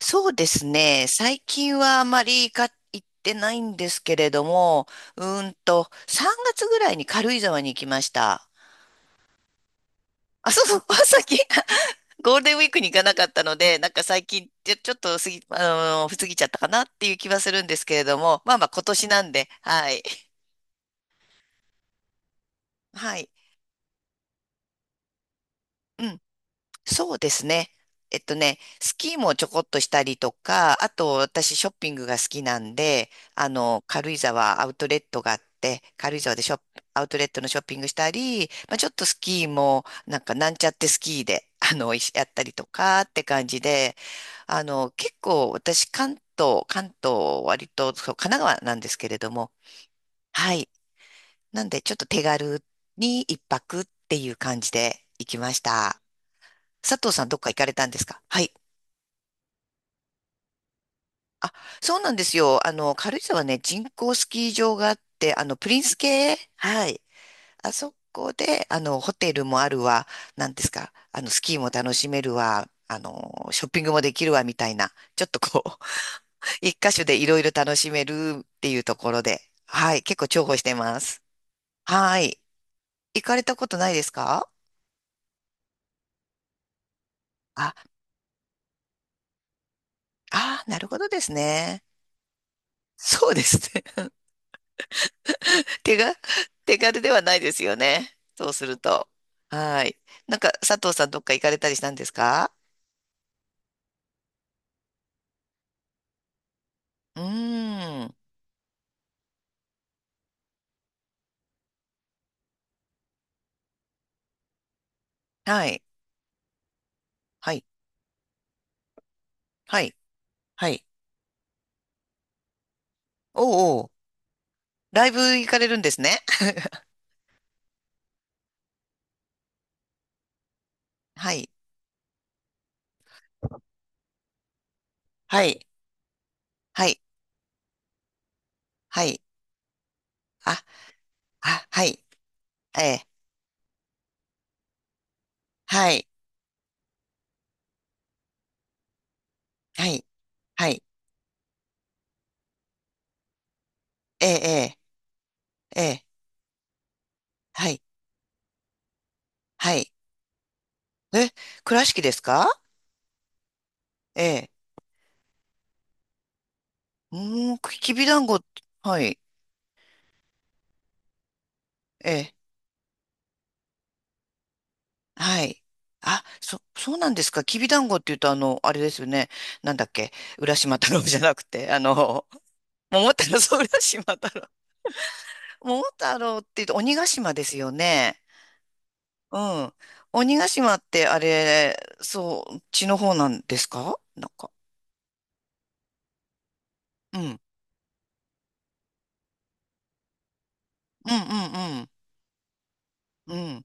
そうですね。最近はあまりか行ってないんですけれども、3月ぐらいに軽井沢に行きました。あ、そうそう、さっき ゴールデンウィークに行かなかったので、なんか最近、ちょっと過ぎ、過ぎちゃったかなっていう気はするんですけれども、まあまあ今年なんで、はい。はい。うん。そうですね。えっとね、スキーもちょこっとしたりとか、あと私ショッピングが好きなんで、あの、軽井沢アウトレットがあって、軽井沢でショップ、アウトレットのショッピングしたり、まあ、ちょっとスキーも、なんかなんちゃってスキーで、あの、いやったりとかって感じで、あの、結構私関東、関東割と、そう、神奈川なんですけれども、はい。なんでちょっと手軽に一泊っていう感じで行きました。佐藤さんどっか行かれたんですか？はい。あ、そうなんですよ。あの、軽井沢ね、人工スキー場があって、あの、プリンス系はい。あそこで、あの、ホテルもあるわ、なんですか、あの、スキーも楽しめるわ、あの、ショッピングもできるわ、みたいな、ちょっとこう、一箇所でいろいろ楽しめるっていうところで、はい、結構重宝してます。はい。行かれたことないですか？あ、あー、なるほどですね。そうですね。手が、手軽ではないですよね。そうすると。はい。なんか、佐藤さんどっか行かれたりしたんですか？うーん。はい。はい。はい。はい。おうおう。ライブ行かれるんですね。はい。はい。はい。はい。あ、あ、はい。ええ。はい。はい。はい。ええ、ええ、ええ。はい。はい。え、倉敷ですか？ええ。うーん、きびだんご。はい。ええ。はい。あ、そうなんですか。きびだんごって言うと、あの、あれですよね。なんだっけ。浦島太郎 じゃなくて、あの、桃太郎、そう、浦島太郎。桃太郎って言うと、鬼ヶ島ですよね。うん。鬼ヶ島って、あれ、そう、血の方なんですか？なんか。うん。うんうんうん。うん。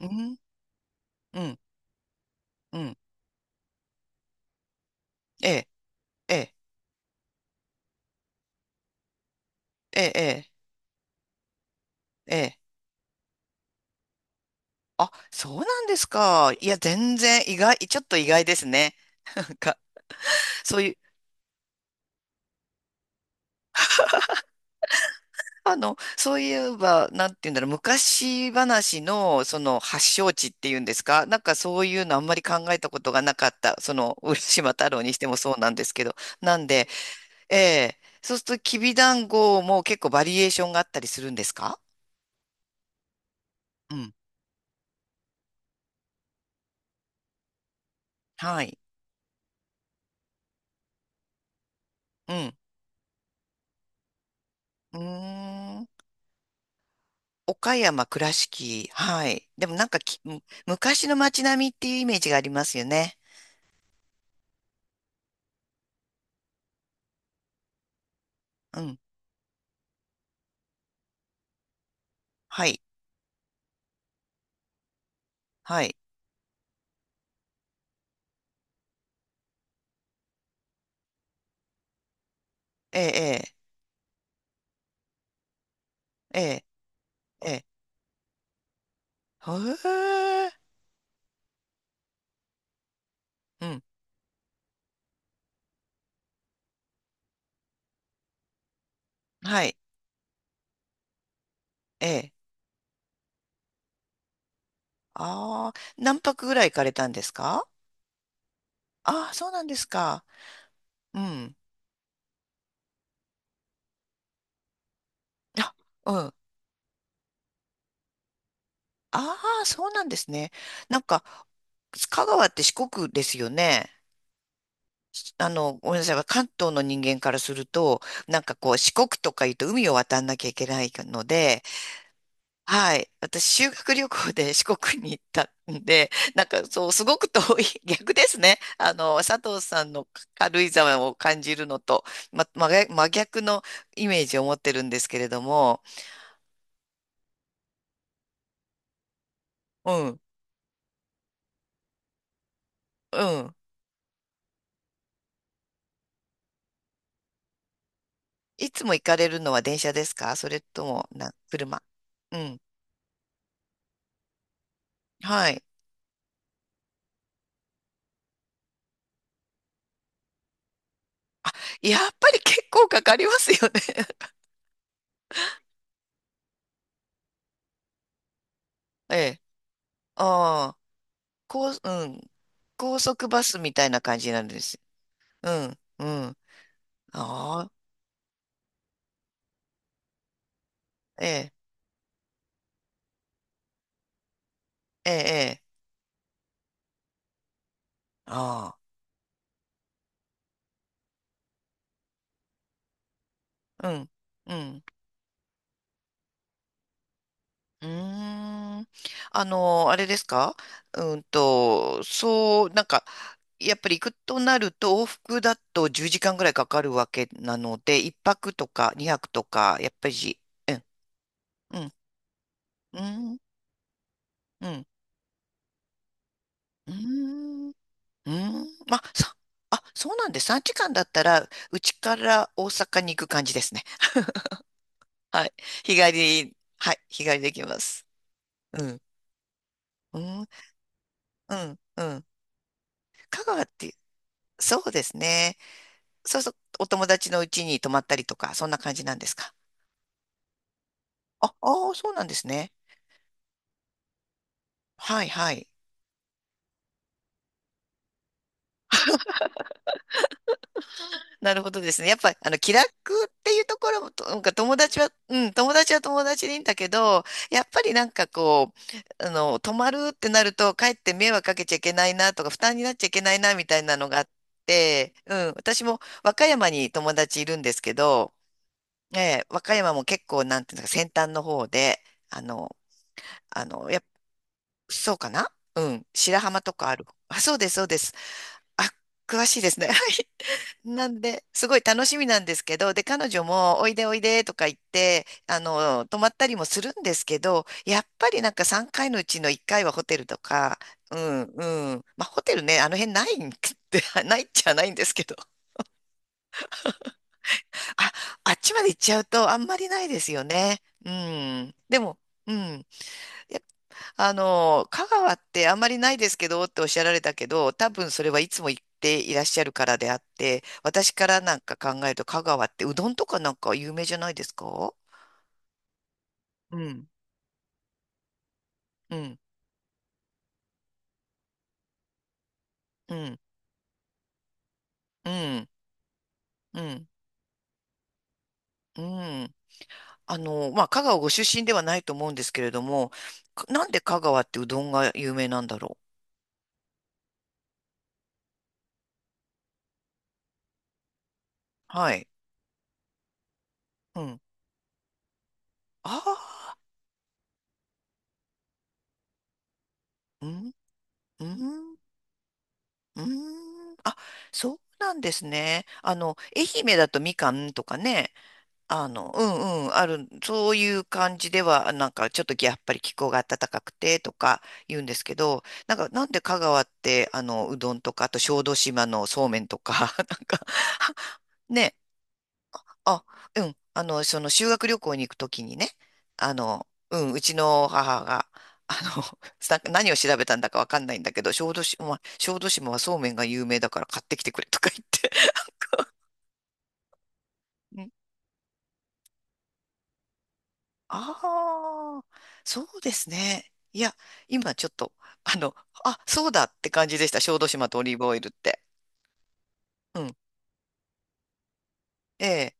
うん。うん。うんええ、ええ、ええ、ええ。ええあ、そうなんですか。いや、全然意外、ちょっと意外ですね。なんか。そういうあの、そういえば、なんて言うんだろう、昔話の、その、発祥地っていうんですか、なんかそういうのあんまり考えたことがなかった、その、浦島太郎にしてもそうなんですけど、なんで、ええ、そうすると、きびだんごも結構バリエーションがあったりするんですか？うん。はい。うん。うーん。岡山、倉敷。はい。でもなんかき、む昔の街並みっていうイメージがありますよね。うん。はい。はい。ええ、ええ、ええ、ええ。へえうん。はい。ええ。ああ、何泊ぐらい行かれたんですか？ああー、そうなんですか。うん。あ、うん。ああ、そうなんですね。なんか、香川って四国ですよね。しあの、ごめんなさい。関東の人間からすると、なんかこう、四国とか言うと海を渡んなきゃいけないので、はい。私、修学旅行で四国に行ったんで、なんかそう、すごく遠い、逆ですね。あの、佐藤さんの軽井沢を感じるのと、ま、真逆真逆のイメージを持ってるんですけれども、うん、うん。いつも行かれるのは電車ですか？それとも、車。うん。はい。やっぱり結構かかりますよね。ええ。ああ、高、うん。高速バスみたいな感じなんです。うん、うん。ああ、ええ。ええ、ええ。ああ、うん、うん。うーん。あの、あれですか？うんと、そう、なんか、やっぱり行くとなると、往復だと10時間ぐらいかかるわけなので、1泊とか2泊とか、やっぱり、うん、うん、うん、うん、うん、うん。まあ、さ、あ、そうなんです。3時間だったら、うちから大阪に行く感じですね。はい。日帰り、はい、日帰りできます。うん、うん、うん、うん。香川って、そうですね。そうそう、お友達の家に泊まったりとか、そんな感じなんですか。あ、ああ、そうなんですね。はい、はい。なるほどですね。やっぱり、あの、気楽っていうところも、となんか友達は、うん、友達は友達でいいんだけど、やっぱりなんかこう、あの、泊まるってなると、かえって迷惑かけちゃいけないなとか、負担になっちゃいけないなみたいなのがあって、うん、私も和歌山に友達いるんですけど、ええ、和歌山も結構、なんていうのか、先端の方で、あの、あの、やっそうかな？うん。白浜とかある。あ、そうです、そうです。あ、詳しいですね。はい。なんで、すごい楽しみなんですけど、で、彼女も、おいでおいでとか言って、あの、泊まったりもするんですけど、やっぱりなんか3回のうちの1回はホテルとか、うん、うん。まあ、ホテルね、あの辺ないん ってないっちゃないんですけど、あ、あっちまで行っちゃうとあんまりないですよね。うん。でも、うん。あの、香川ってあんまりないですけどっておっしゃられたけど、多分それはいつも行っていらっしゃるからであって、私からなんか考えると香川ってうどんとかなんか有名じゃないですか？うん。うん、うん、うん、うん、うん。あの、まあ、香川ご出身ではないと思うんですけれども、かなんで香川ってうどんが有名なんだろう。はい。うん。ああ、うん、うん、うん。あ、そうなんですね。あの、愛媛だとみかんとかね、あの、うんうん、ある、そういう感じでは、なんかちょっとやっぱり気候が暖かくてとか言うんですけど、なんかなんで香川って、あの、うどんとか、あと小豆島のそうめんとか、なんか、ね、あ、うん、あの、その修学旅行に行くときにね、あの、うん、うちの母が、あの、さ何を調べたんだかわかんないんだけど、小豆島、小豆島はそうめんが有名だから買ってきてくれとか言ってああ、そうですね。いや、今ちょっと、あの、あ、そうだって感じでした。小豆島とオリーブオイルって。うん。ええ